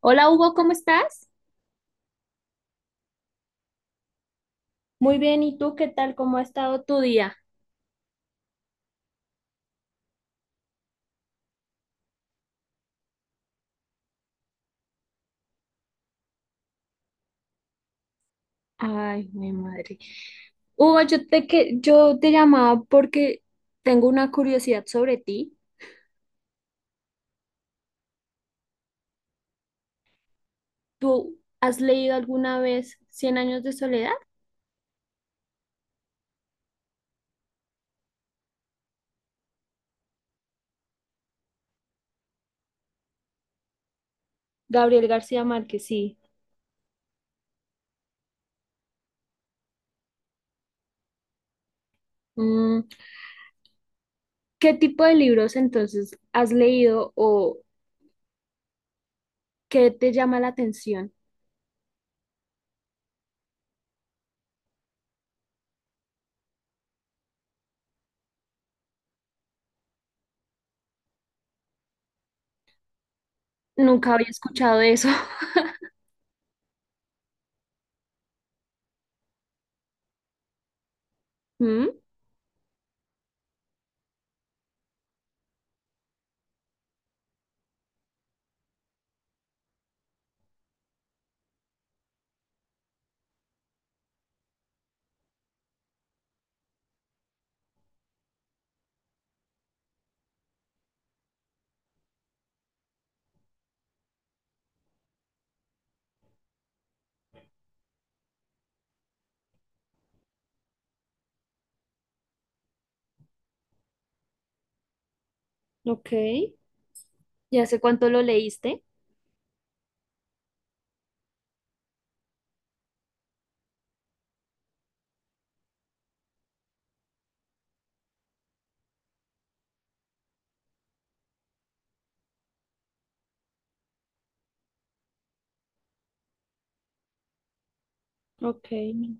Hola Hugo, ¿cómo estás? Muy bien, ¿y tú qué tal? ¿Cómo ha estado tu día? Ay, mi madre. Hugo, yo te llamaba porque tengo una curiosidad sobre ti. ¿Tú has leído alguna vez Cien años de soledad? Gabriel García Márquez, sí. Mm, ¿Qué tipo de libros entonces has leído o qué te llama la atención? Nunca había escuchado de eso. Mm, ok. ¿Ya sé cuánto lo leíste? Ok.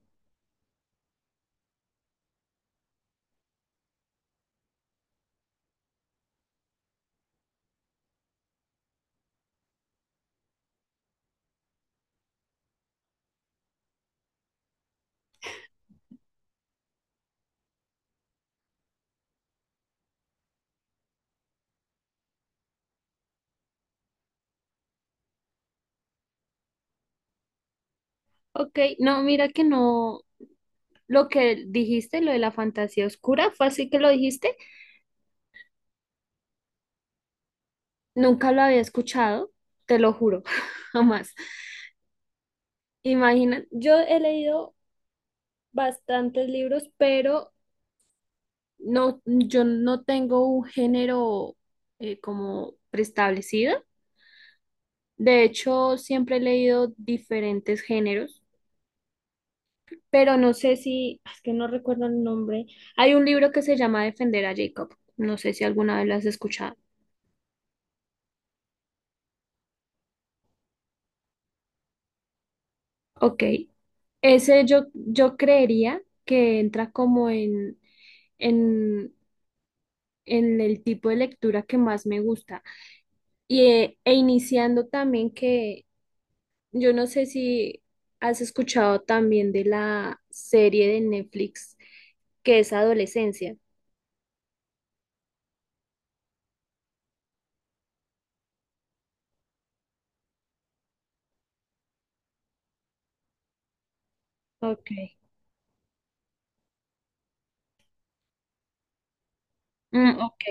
Ok, no, mira que no. Lo que dijiste, lo de la fantasía oscura, ¿fue así que lo dijiste? Nunca lo había escuchado, te lo juro, jamás. Imagina, yo he leído bastantes libros, pero no, yo no tengo un género como preestablecido. De hecho, siempre he leído diferentes géneros, pero no sé si, es que no recuerdo el nombre. Hay un libro que se llama Defender a Jacob. No sé si alguna vez lo has escuchado. Ok, ese yo creería que entra como en, en el tipo de lectura que más me gusta. Y, e iniciando también que yo no sé si has escuchado también de la serie de Netflix que es Adolescencia. Ok. Mm, ok.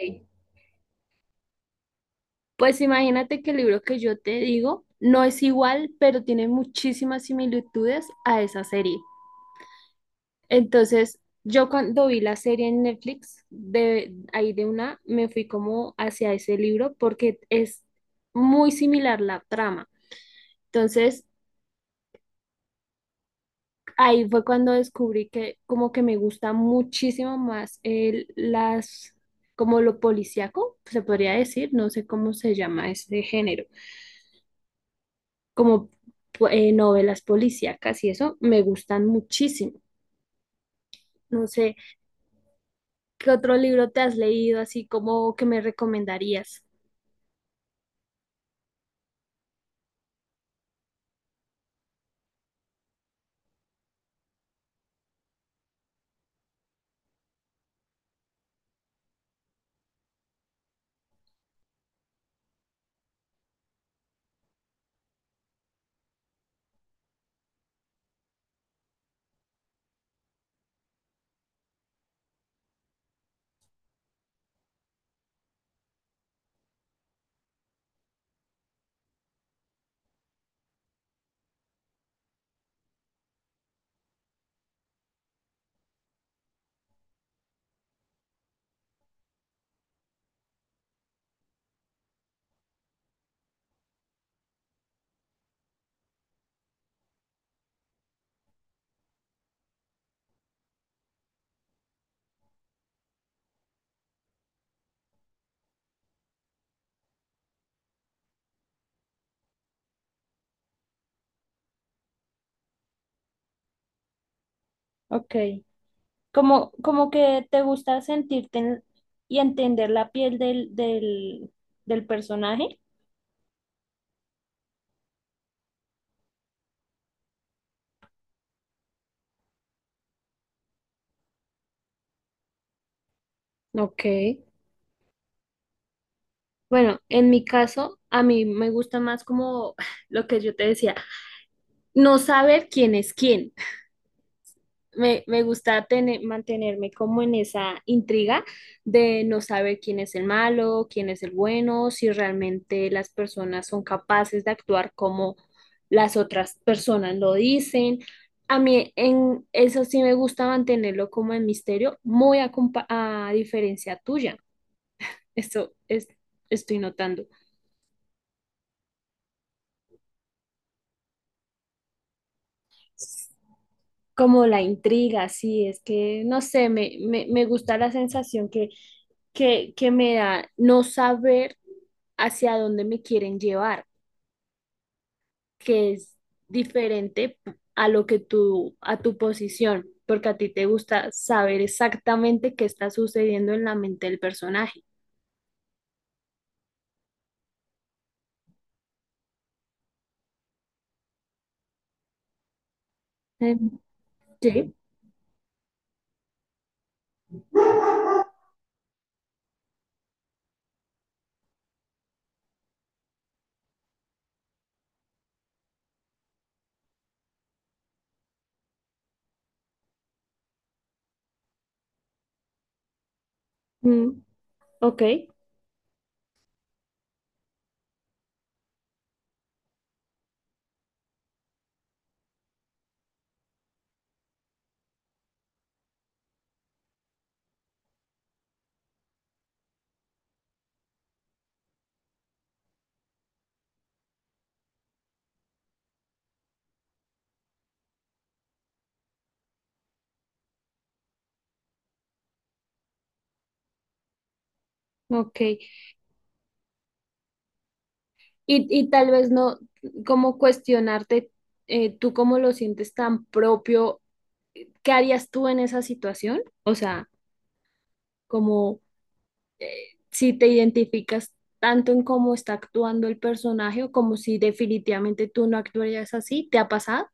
Pues imagínate que el libro que yo te digo no es igual, pero tiene muchísimas similitudes a esa serie. Entonces, yo cuando vi la serie en Netflix, de ahí de una, me fui como hacia ese libro porque es muy similar la trama. Entonces, ahí fue cuando descubrí que como que me gusta muchísimo más como lo policíaco, se podría decir, no sé cómo se llama ese género, como novelas policíacas y eso, me gustan muchísimo. No sé, ¿qué otro libro te has leído así como que me recomendarías? Ok, como que te gusta sentirte y entender la piel del personaje. Ok. Bueno, en mi caso, a mí me gusta más como lo que yo te decía, no saber quién es quién. Me me gusta mantenerme como en esa intriga de no saber quién es el malo, quién es el bueno, si realmente las personas son capaces de actuar como las otras personas lo dicen. A mí en eso sí me gusta mantenerlo como en misterio, muy a, a diferencia tuya. Esto es, Estoy notando. Como la intriga, sí, es que no sé, me gusta la sensación que me da no saber hacia dónde me quieren llevar, que es diferente a lo que tú, a tu posición, porque a ti te gusta saber exactamente qué está sucediendo en la mente del personaje. Eh, Sí, mm, ok, ok. Y tal vez no, como cuestionarte, tú cómo lo sientes tan propio, ¿qué harías tú en esa situación? O sea, como... si te identificas tanto en cómo está actuando el personaje o como si definitivamente tú no actuarías así, ¿te ha pasado?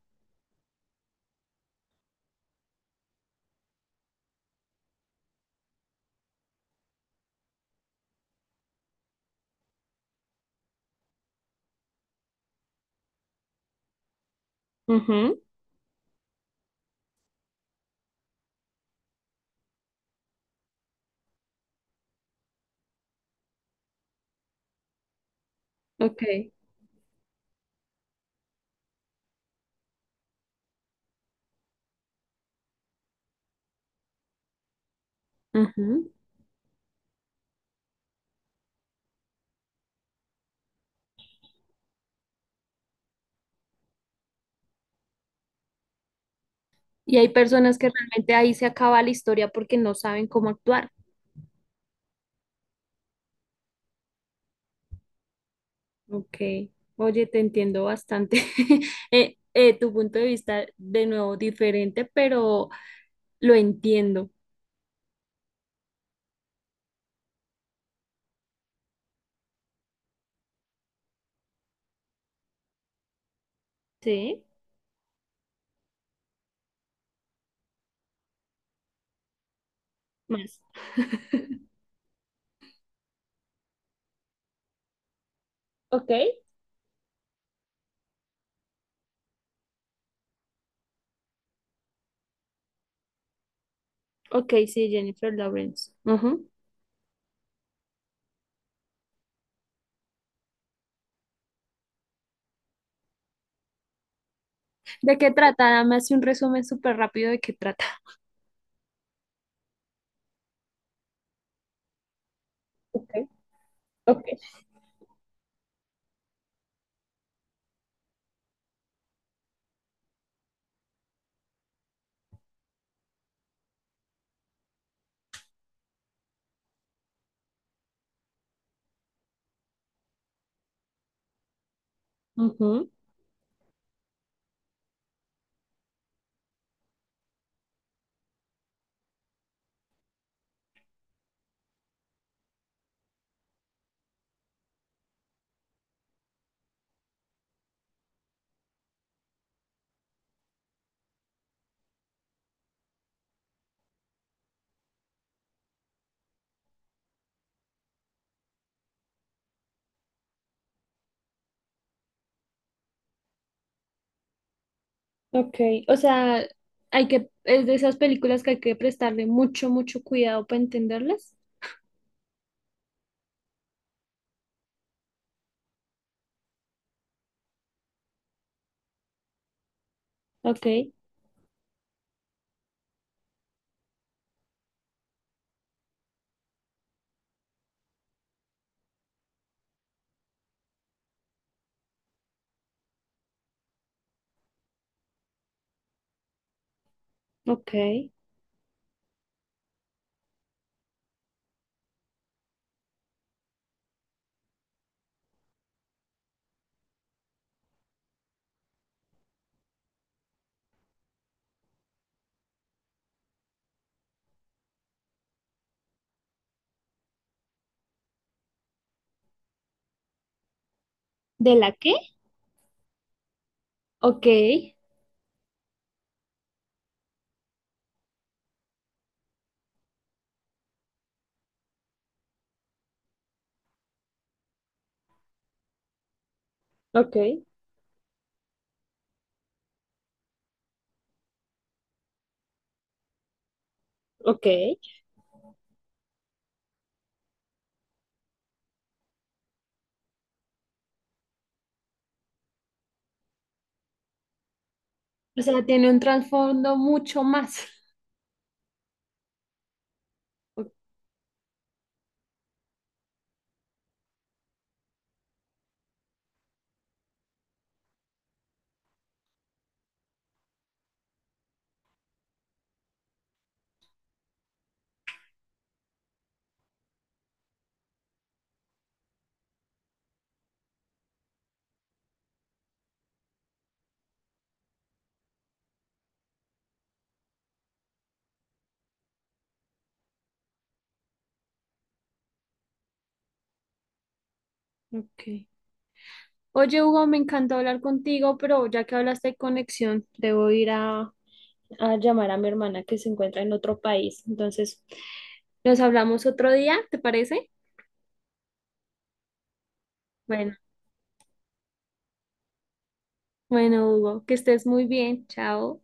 Ujú, ok. Ujú. Y hay personas que realmente ahí se acaba la historia porque no saben cómo actuar. Ok, oye, te entiendo bastante. Tu punto de vista, de nuevo, diferente, pero lo entiendo. Sí, más. Ok, ok, sí, Jennifer Lawrence. Ujú. ¿De qué trata? Dame así un resumen súper rápido de qué trata. Ok, ok, ujú. Ok, o sea, hay que, es de esas películas que hay que prestarle mucho cuidado para entenderlas. Ok, ok. ¿De la qué? Ok, ok, ok. O sea, tiene un trasfondo mucho más. O- ok. Oye, Hugo, me encantó hablar contigo, pero ya que hablaste de conexión, debo ir a llamar a mi hermana que se encuentra en otro país. Entonces, nos hablamos otro día, ¿te parece? Bueno, bueno, Hugo, que estés muy bien. Chao.